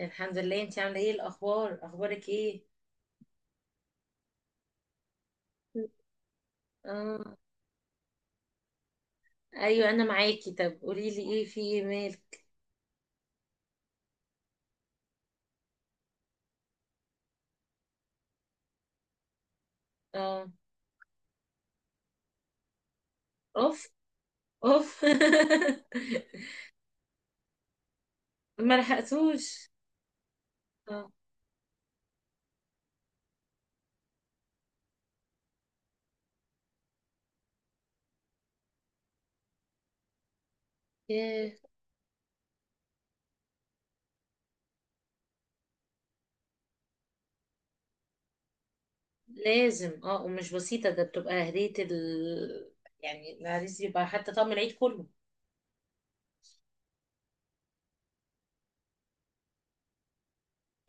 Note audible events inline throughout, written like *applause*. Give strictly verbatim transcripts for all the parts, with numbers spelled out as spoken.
الحمد لله، انت عامله ايه الاخبار؟ اخبارك ايه؟ اه، ايوه، انا معاكي. طب قولي لي ايه، في ايه، مالك؟ اه، اوف، اوف. *laughs* ما لحقتوش. اه، ياه. لازم، اه، ومش بسيطه، ده بتبقى هديه ال يعني العريس، يبقى حتى طقم العيد كله.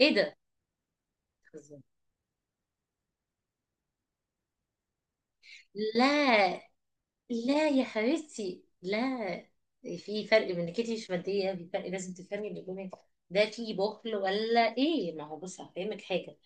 ايه ده؟ لا، لا يا حبيبتي، لا. في فرق بين انك انت مش ماديه، في فرق. لازم تفهمي اللي جواك، ده في بخل ولا ايه؟ ما هو بص هفهمك حاجه.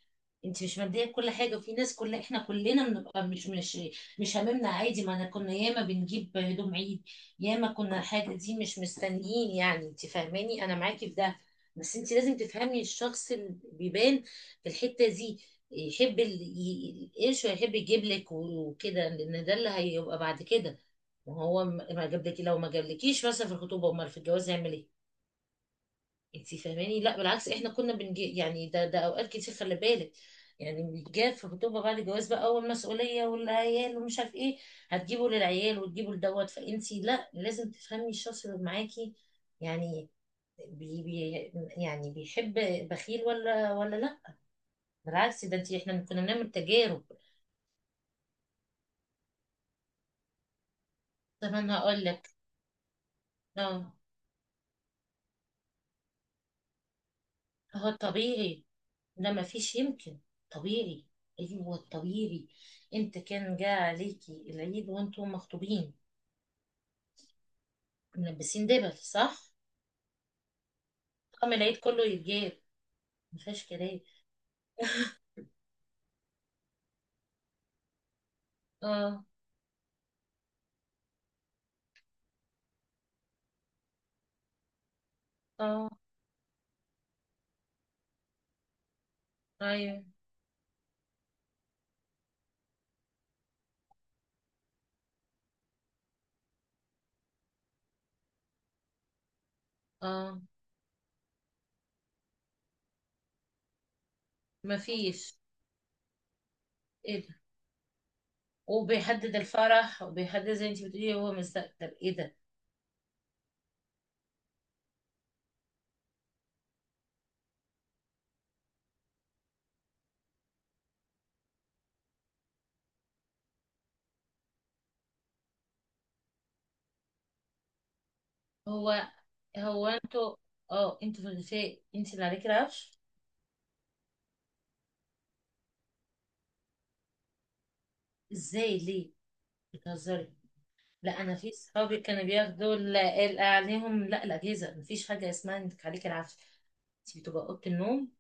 انت مش ماديه بكل حاجه، وفي ناس، كل احنا كلنا بنبقى مش مش مش هممنا، عادي. ما انا كنا ياما بنجيب هدوم عيد، ياما كنا حاجه دي مش مستنيين، يعني انت فاهماني؟ انا معاكي في ده. بس انت لازم تفهمي الشخص اللي بيبان في الحته دي، يحب ال- ي- القرش، ويحب يجيب لك وكده، لان ده اللي هيبقى بعد كده. ما هو م- ما جابلك، لو ما جابلكيش مثلا في الخطوبه، امال في الجواز هيعمل ايه؟ انت فاهماني؟ لا بالعكس، احنا كنا بنجي يعني ده ده اوقات كتير خلي بالك. يعني بيتجاب في الخطوبه، بعد الجواز بقى اول مسؤوليه، والعيال ومش عارف ايه، هتجيبه للعيال وتجيبه لدوت، فانت لا، لازم تفهمي الشخص اللي معاكي، يعني بي بي يعني بيحب، بخيل ولا ولا لا. بالعكس، ده انت احنا كنا بنعمل تجارب. طب انا هقول لك. اه. هو طبيعي، ده ما فيش يمكن، طبيعي. ايوه طبيعي. انت كان جاء عليكي العيد وانتم مخطوبين ملبسين دبل، صح؟ طقم العيد كله يتجاب، ما فيهاش كلام. اه، اه، ايوه، اه. ما فيش. ايه ده؟ وبيحدد الفرح، وبيحدد، زي انت بتقولي، هو مستقبل. ايه ده؟ هو هو انتوا، اه، انتوا في الغفاء انت اللي عليكي العفش؟ ازاي؟ ليه؟ بتهزري؟ لا، انا في صحابي كانوا بياخدوا ال- ال- عليهم، لا الاجهزه، مفيش حاجه اسمها انك عليك العافيه. انت بتبقى اوضه النوم،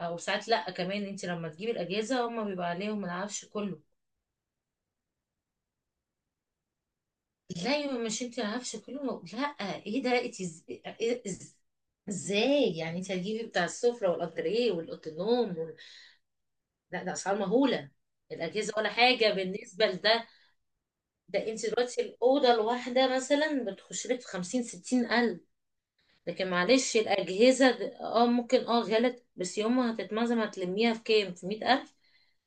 او ساعات، لا كمان انت لما تجيبي الاجهزه هما بيبقى عليهم العفش كله. لا يا، مش انت العفش كله، لا. ايه ده؟ انت إز- إيه- إز- ازاي يعني؟ انت هتجيبي بتاع السفره والانتريه والاوضه النوم وال... لا، ده اسعار مهوله. الاجهزه ولا حاجه بالنسبه لده، ده انت دلوقتي الاوضه الواحده مثلا بتخش لك في خمسين ستين الف. لكن معلش الأجهزة د- اه ممكن، اه، غلط، بس يوم ما هتتمزم هتلميها في كام، في مية ألف.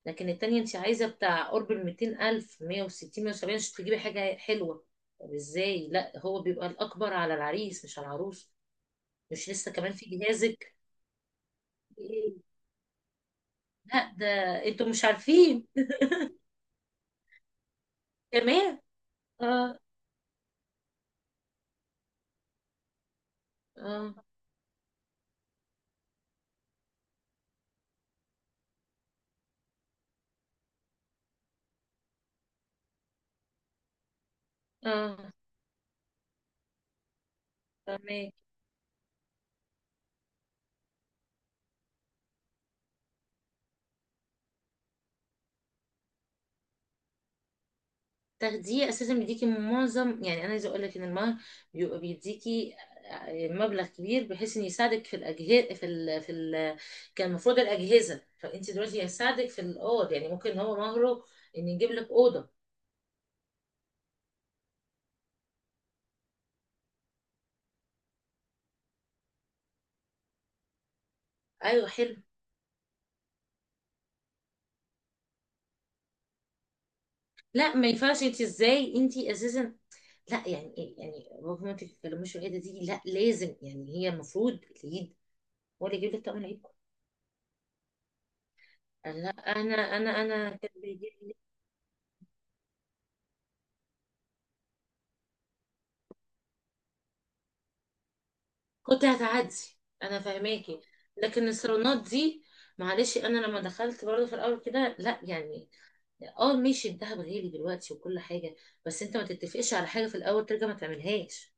لكن التانية انت عايزة بتاع قرب الميتين ألف، مية وستين، مية وسبعين، عشان تجيبي حاجة حلوة. طب ازاي؟ لا، هو بيبقى الأكبر على العريس، مش على العروس. مش لسه كمان في جهازك؟ إيه؟ لا، ده انتوا مش عارفين كمان. اه، اه، اه. تمام. تاخديه اساسا بيديكي معظم، يعني انا عايزه اقول لك ان المهر بيبقى بيديكي، آه، مبلغ كبير، بحيث ان يساعدك في الاجهزه، في ال... في ال... كان المفروض الاجهزه. فانت دلوقتي هيساعدك في الاوض، يعني ممكن ان هو مهره ان يجيب لك اوضه. ايوه، حلو. لا ما ينفعش، انت ازاي؟ انت اساسا، لا يعني إيه؟ يعني بابا ما تتكلموش في الحته دي، لا لازم، يعني هي المفروض العيد هو اللي يجيب لك طقم العيد. لا انا انا انا كان بيجيب. كنت هتعدي. انا فاهماكي. لكن الصالونات دي، معلش انا لما دخلت برضه في الاول كده، لا يعني، اه ماشي، الدهب غالي دلوقتي وكل حاجه، بس انت ما تتفقش على حاجه في الاول ترجع ما تعملهاش.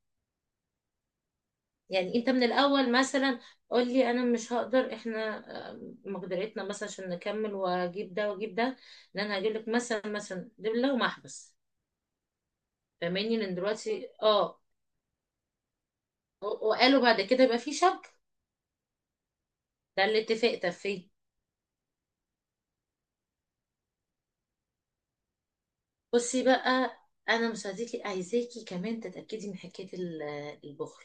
يعني انت من الاول مثلا قول لي انا مش هقدر، احنا، آه، مقدرتنا مثلا عشان نكمل، واجيب ده واجيب ده، ان انا هجيب لك مثلا مثلا دبله ومحبس، فاهماني؟ لان دلوقتي، اه، و- وقالوا بعد كده يبقى في شبكه، ده اللي اتفق فيه. بصي بقى، انا مصدقك، عايزاكي كمان تتاكدي من حكايه ال- البخل،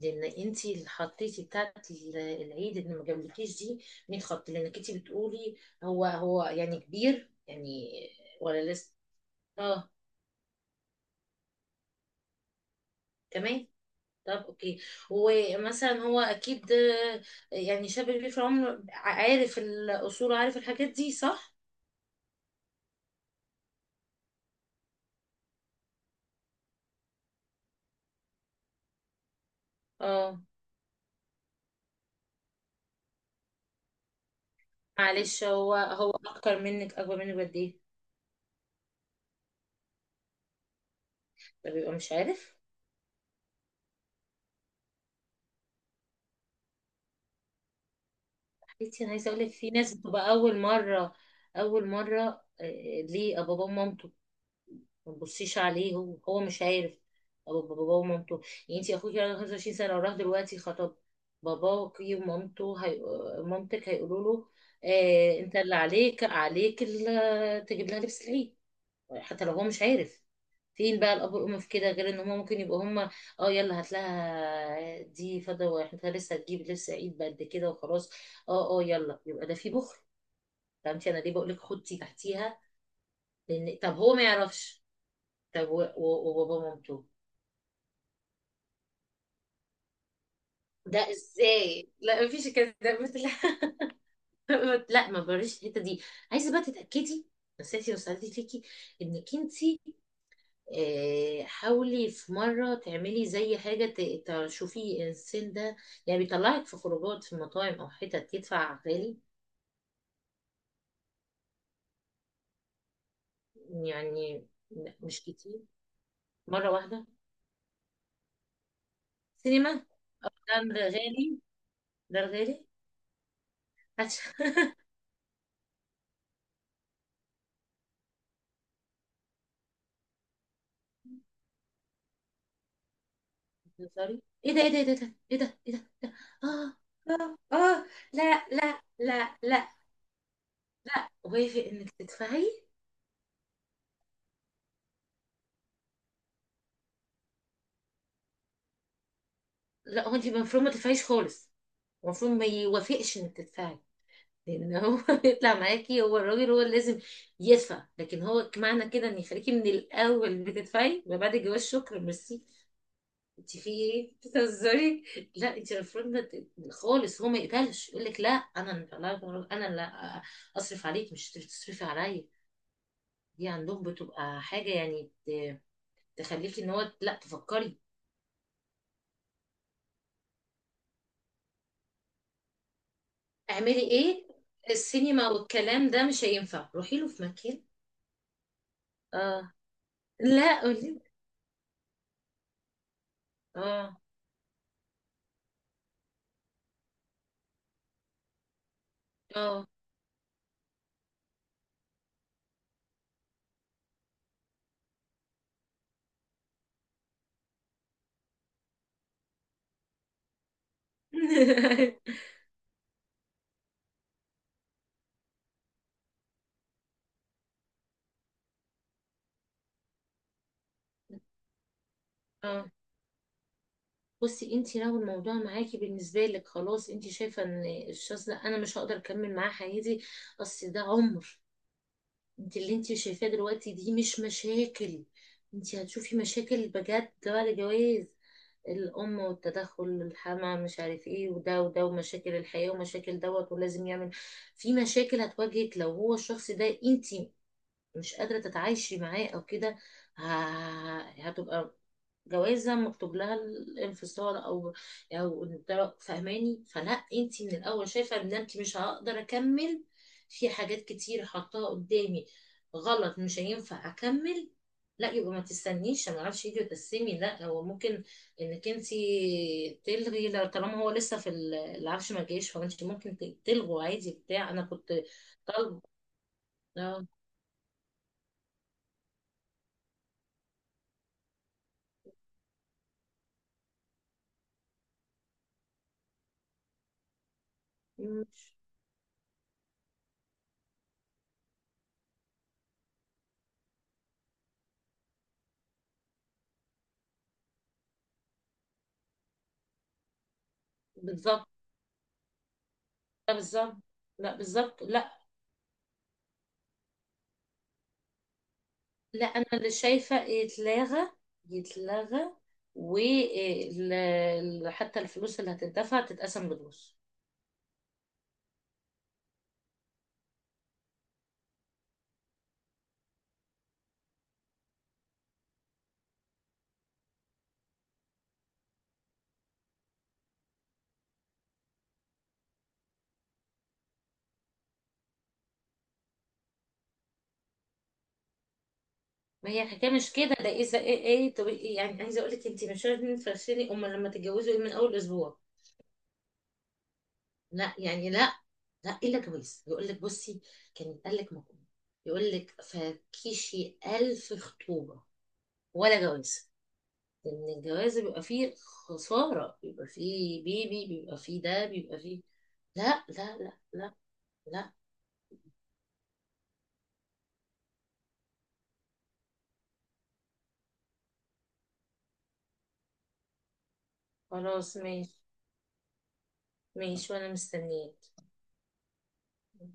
لان انت اللي حطيتي بتاعت ال- العيد اللي ما جابلكيش دي. مين خط؟ لانك انت بتقولي هو هو يعني كبير، يعني ولا لسه؟ اه، كمان. طب اوكي، ومثلا هو اكيد، آه، يعني شاب كبير في العمر، عارف الاصول وعارف الحاجات دي، صح؟ اه، معلش، هو هو اكتر منك، اكبر منك قد ايه؟ ده بيبقى مش عارف. بصي، انا عايزه اقول لك، في ناس بتبقى اول مره، اول مره، آه، ليه بابا ومامته ما تبصيش عليه، هو هو مش عارف. أبو- بابا ومامته، يعني انت اخوك عنده خمسة وعشرين سنه وراح دلوقتي خطب، باباك ومامته، هي... مامتك، هيقولوا له آه انت اللي عليك عليك ال- تجيب لها لبس العيد، حتى لو هو مش عارف. فين بقى الاب والام في كده، غير ان هم ممكن يبقوا هم، اه، يلا هات لها دي فضه، واحنا لسه هتجيب لبس عيد بقد كده وخلاص. اه، اه، يلا، يبقى ده في بخل. فهمتي انا ليه بقول لك خدتي تحتيها؟ لان طب هو ما يعرفش، طب و- و- وبابا مامته، ده ازاي؟ لا مفيش كده، ده بت- لا. *laughs* لا ما بريش الحته دي. عايزه بقى تتاكدي. نصيحتي وسالتي ليكي انك انتي، آه، حاولي في مرة تعملي زي حاجة ت- تشوفي السن ده، يعني بيطلعك في خروجات، في مطاعم؟ أو حتت تدفع غالي؟ يعني، لا، مش كتير. مرة واحدة سينما، أو، ده غالي، ده غالي، عشان، *laughs* سوري. ايه ده؟ ايه ده؟ ايه ده؟ ايه ده؟ ايه ده؟ إيه ده؟ اه، اه، اه. لا، لا، لا، لا. وافق انك تدفعي؟ لا، هو انت المفروض ما تدفعيش خالص، المفروض ما يوافقش انك تدفعي. لان هو *laughs* يطلع معاكي، هو الراجل، هو اللي لازم يدفع، لكن هو معنى كده ان يخليكي من الاول بتدفعي، ما بعد الجواز شكرا، ميرسي. انت في ايه؟ بتهزري؟ لا انت المفروض ما ت- خالص، هو ما يقبلش، يقول لك لا انا، لا انا، لا، اصرف عليك مش تصرفي عليا، دي عندهم بتبقى حاجه يعني ت- تخليكي ان هو لا، تفكري. اعملي ايه؟ السينما والكلام ده مش هينفع، روحي له في مكان. اه، لا قولي. اه، اه، *laughs* اه. بصي، انت لو الموضوع معاكي بالنسبه لك خلاص، انت شايفه ان الشخص ده انا مش هقدر اكمل معاه حياتي، اصل ده عمر. انت اللي انت شايفاه دلوقتي دي مش مشاكل، انت هتشوفي مشاكل بجد بعد الجواز، الام والتدخل، الحما مش عارف ايه، وده وده، ومشاكل الحياه، ومشاكل دوت، ولازم يعمل. في مشاكل هتواجهك، لو هو الشخص ده انت مش قادره تتعايشي معاه او كده، ه- هتبقى جوازة مكتوب لها الانفصال، او، او ده- فاهماني؟ فلا، انت من الاول شايفة ان انت مش هقدر اكمل، في حاجات كتير حطاها قدامي غلط، مش هينفع اكمل. لا يبقى ما تستنيش، ما اعرفش، يجي وتقسمي. لا، هو ممكن انك انت تلغي لو- طالما هو لسه في ال- العفش ما جاش، فانت ممكن ت- تلغوا عادي بتاع انا كنت طالبه. آه، بالظبط. لا، بالظبط. لا بالظبط، لا. لا، انا اللي شايفه يتلغى، يتلغى، وحتى الفلوس اللي هتدفع تتقسم بالنص. ما هي الحكايه مش كده، ده اذا ايه، ايه، إيه، طب إيه؟ يعني عايزه اقول لك، انت مش عارفه تفرشيني، امال لما تتجوزوا ايه من اول اسبوع؟ لا يعني، لا، لا، الا جواز. يقول لك بصي كان قال لك مقوم، يقول لك فكيشي، الف خطوبه ولا جواز؟ لان الجواز بيبقى فيه خساره، بيبقى فيه بيبي، بيبقى فيه ده، بيبقى فيه. لا، لا، لا، لا. لا. خلاص، ماشي. ماشي، وانا مستنيه.